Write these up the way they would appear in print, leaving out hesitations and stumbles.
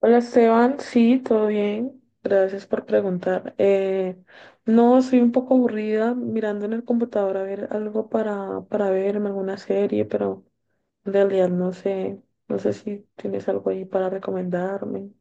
Hola Esteban, sí, todo bien. Gracias por preguntar. No, estoy un poco aburrida mirando en el computador a ver algo para verme, alguna serie, pero en realidad no sé si tienes algo ahí para recomendarme.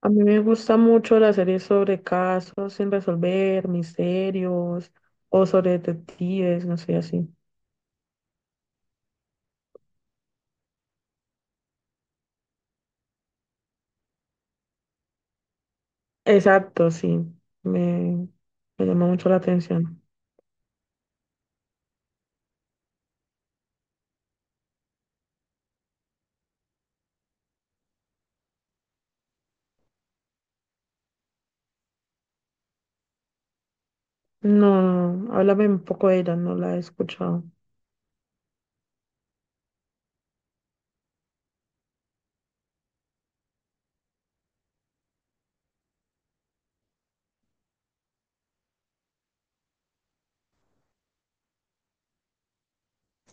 A mí me gusta mucho las series sobre casos sin resolver, misterios o sobre detectives, no sé, así. Exacto, sí, me, me llama mucho la atención. No, no, háblame un poco de ella, no la he escuchado.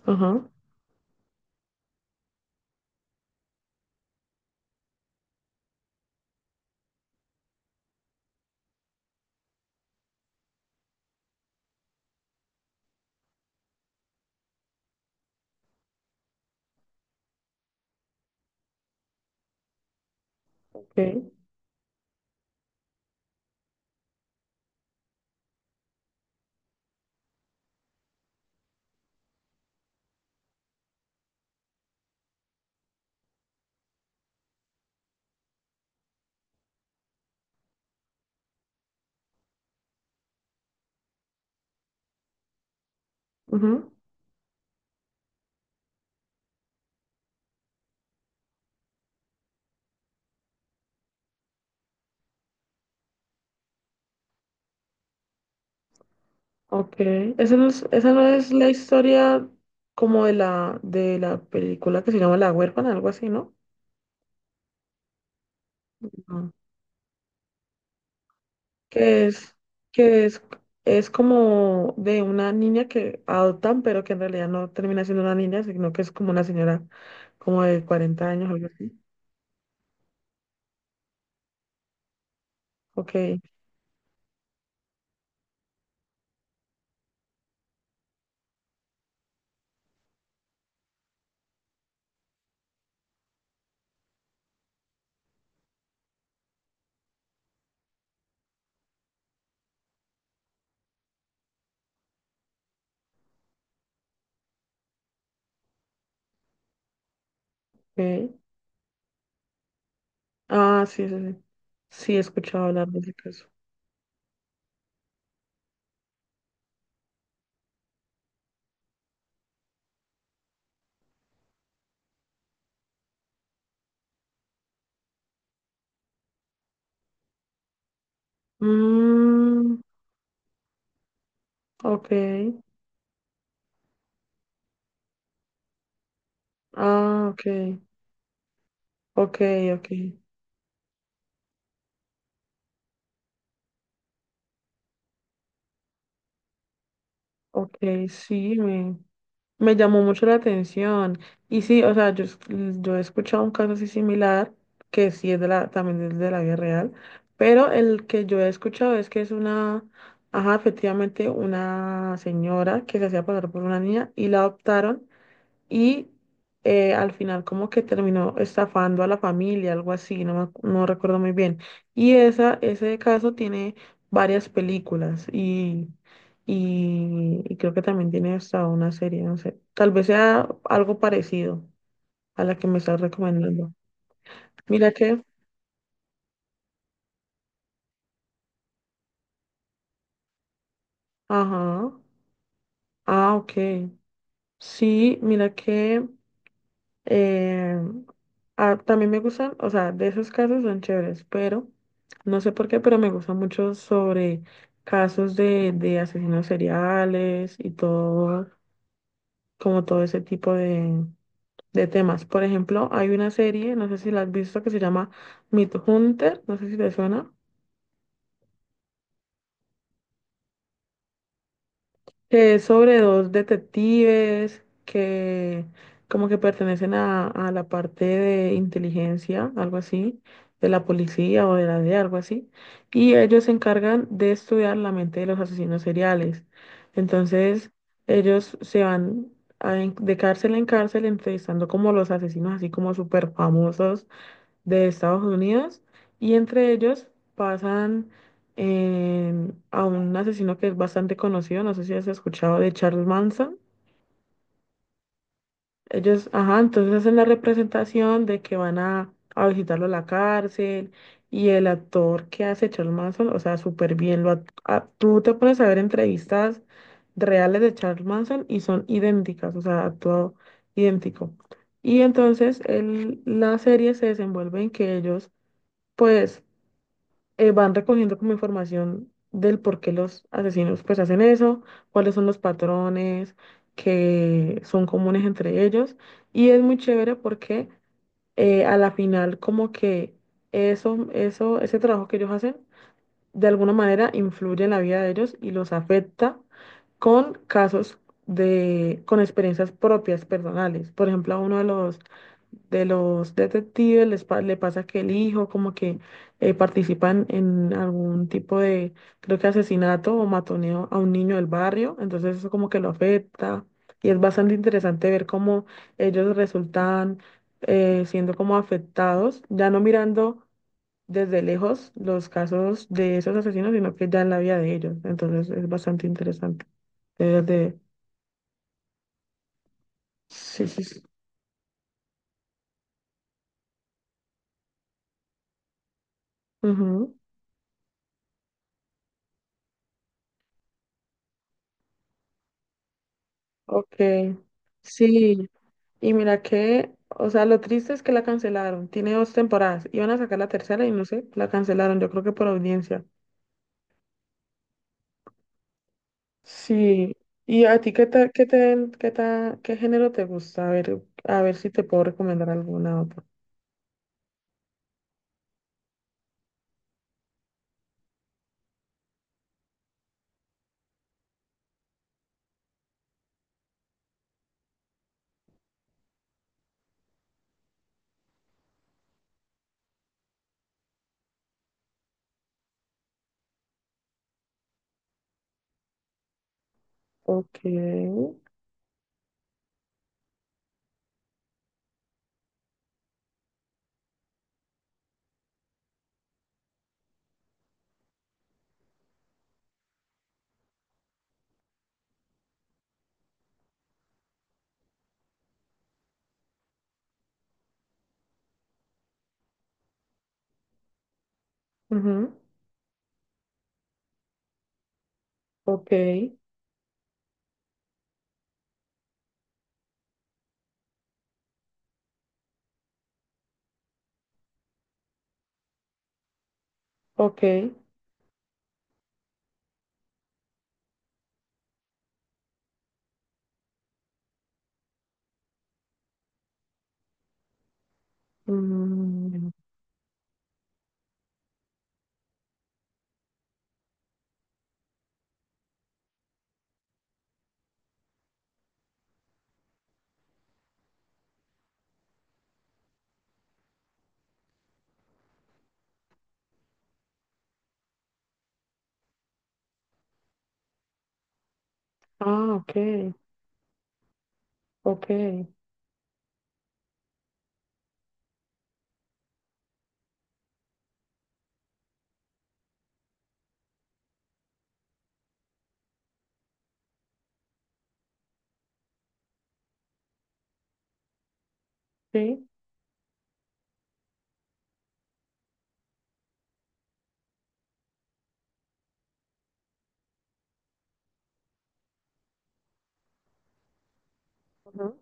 Ajá, ok, ujú, ok. Esa no es la historia como de la película que se llama La huérfana, algo así, ¿no? No. Que es, que es, es como de una niña que adoptan, pero que en realidad no termina siendo una niña, sino que es como una señora como de 40 años, algo así. Ok, ok. Ah, sí, sí, sí. Sí, he escuchado hablar de ese caso. Mm, ok, ah, ok, ok, ok, ok, sí, me llamó mucho la atención. Y sí, o sea, yo, yo he escuchado un caso así similar, que sí es también es de la vida real, pero el que yo he escuchado es que es una, ajá, efectivamente, una señora que se hacía pasar por una niña y la adoptaron y al final como que terminó estafando a la familia, algo así, no, no recuerdo muy bien. Y ese caso tiene varias películas y creo que también tiene hasta una serie, no sé, tal vez sea algo parecido a la que me estás recomendando. Mira que, ajá, ah, ok. Sí, mira que... Eh, ah, también me gustan, o sea, de esos casos son chéveres, pero no sé por qué, pero me gustan mucho sobre casos de asesinos seriales y todo, como todo ese tipo de temas. Por ejemplo, hay una serie, no sé si la has visto, que se llama Meat Hunter, no sé si te suena, que es sobre dos detectives que como que pertenecen a la parte de inteligencia, algo así, de la policía o de la DEA, algo así, y ellos se encargan de estudiar la mente de los asesinos seriales. Entonces, ellos se van de cárcel en cárcel entrevistando como los asesinos así como súper famosos de Estados Unidos y entre ellos pasan a un asesino que es bastante conocido, no sé si has escuchado de Charles Manson. Ellos, ajá, entonces hacen la representación de que van a visitarlo a la cárcel y el actor que hace Charles Manson, o sea, súper bien, tú te pones a ver entrevistas reales de Charles Manson y son idénticas, o sea, actuado idéntico. Y entonces la serie se desenvuelve en que ellos pues van recogiendo como información del por qué los asesinos pues hacen eso, cuáles son los patrones que son comunes entre ellos. Y es muy chévere porque a la final como que ese trabajo que ellos hacen de alguna manera influye en la vida de ellos y los afecta con con experiencias propias personales. Por ejemplo, a uno de los detectives le pasa que el hijo como que participan en algún tipo de, creo que asesinato o matoneo a un niño del barrio, entonces eso como que lo afecta y es bastante interesante ver cómo ellos resultan siendo como afectados, ya no mirando desde lejos los casos de esos asesinos, sino que ya en la vida de ellos, entonces es bastante interesante. Deberías de- Sí, sí, sí. Ujú. Ok. Sí, y mira que, o sea, lo triste es que la cancelaron. Tiene dos temporadas. Iban a sacar la tercera y no sé, la cancelaron, yo creo que por audiencia. Sí. ¿Y a ti qué ta- qué te, qué ta- qué género te gusta? A ver si te puedo recomendar alguna otra. Ok, ujú, ok, ok, mm, ah, ok, ok, sí, ujú,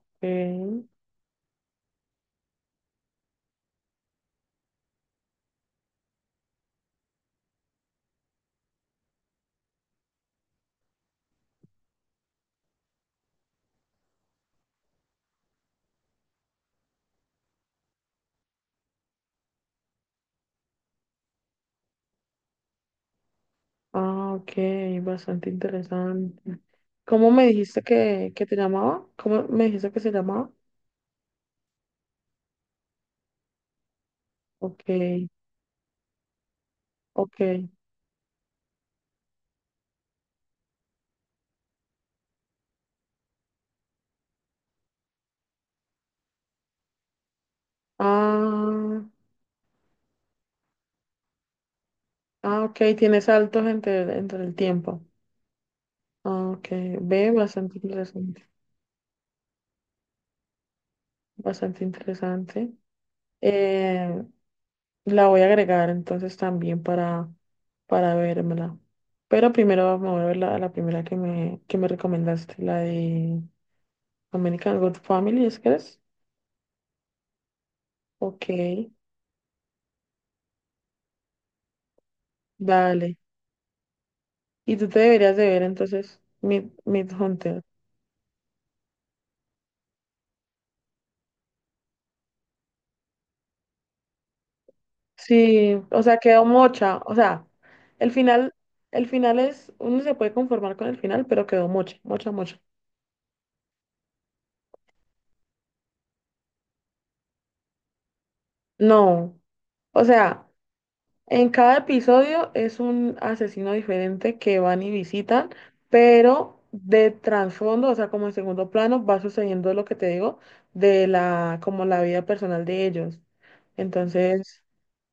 ok, ah, ok, bastante interesante. ¿Cómo me dijiste que te llamaba? ¿Cómo me dijiste que se llamaba? Ok, ok. Ah, ok, tiene saltos entre, entre el tiempo. Ah, ok, ve, bastante interesante. Bastante interesante. Eh, la voy a agregar entonces también para vérmela. Pero primero me voy a ver la primera que que me recomendaste, la de American Good Family, ¿es que es? Ok. Dale. Y tú te deberías de ver entonces Mid, Hunter. Sí, o sea, quedó mocha. O sea, el final, el final es, uno se puede conformar con el final, pero quedó mocha, mocha, mocha. No. O sea, en cada episodio es un asesino diferente que van y visitan, pero de trasfondo, o sea, como en segundo plano, va sucediendo lo que te digo como la vida personal de ellos. Entonces,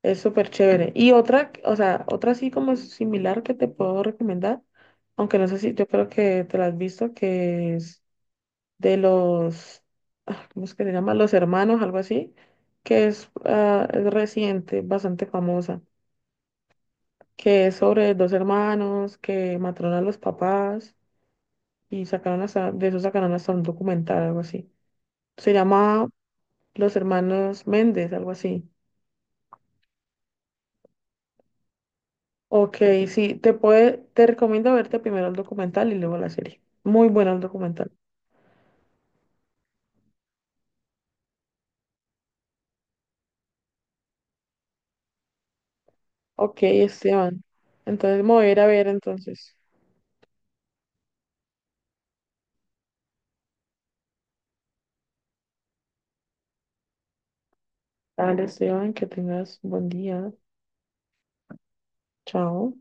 es súper chévere. Y otra, o sea, otra así como similar que te puedo recomendar, aunque no sé si yo creo que te la has visto, que es de los, ah, ¿cómo es que se llama? Los hermanos, algo así, que es, ah, es reciente, bastante famosa, que es sobre dos hermanos que mataron a los papás y sacaron hasta, de eso sacaron hasta un documental, algo así. Se llama Los Hermanos Méndez, algo así. Ok, sí, te recomiendo verte primero el documental y luego la serie. Muy bueno el documental. Ok, Esteban. Entonces me voy a ir a ver entonces. Dale, Esteban, que tengas buen día. Chao.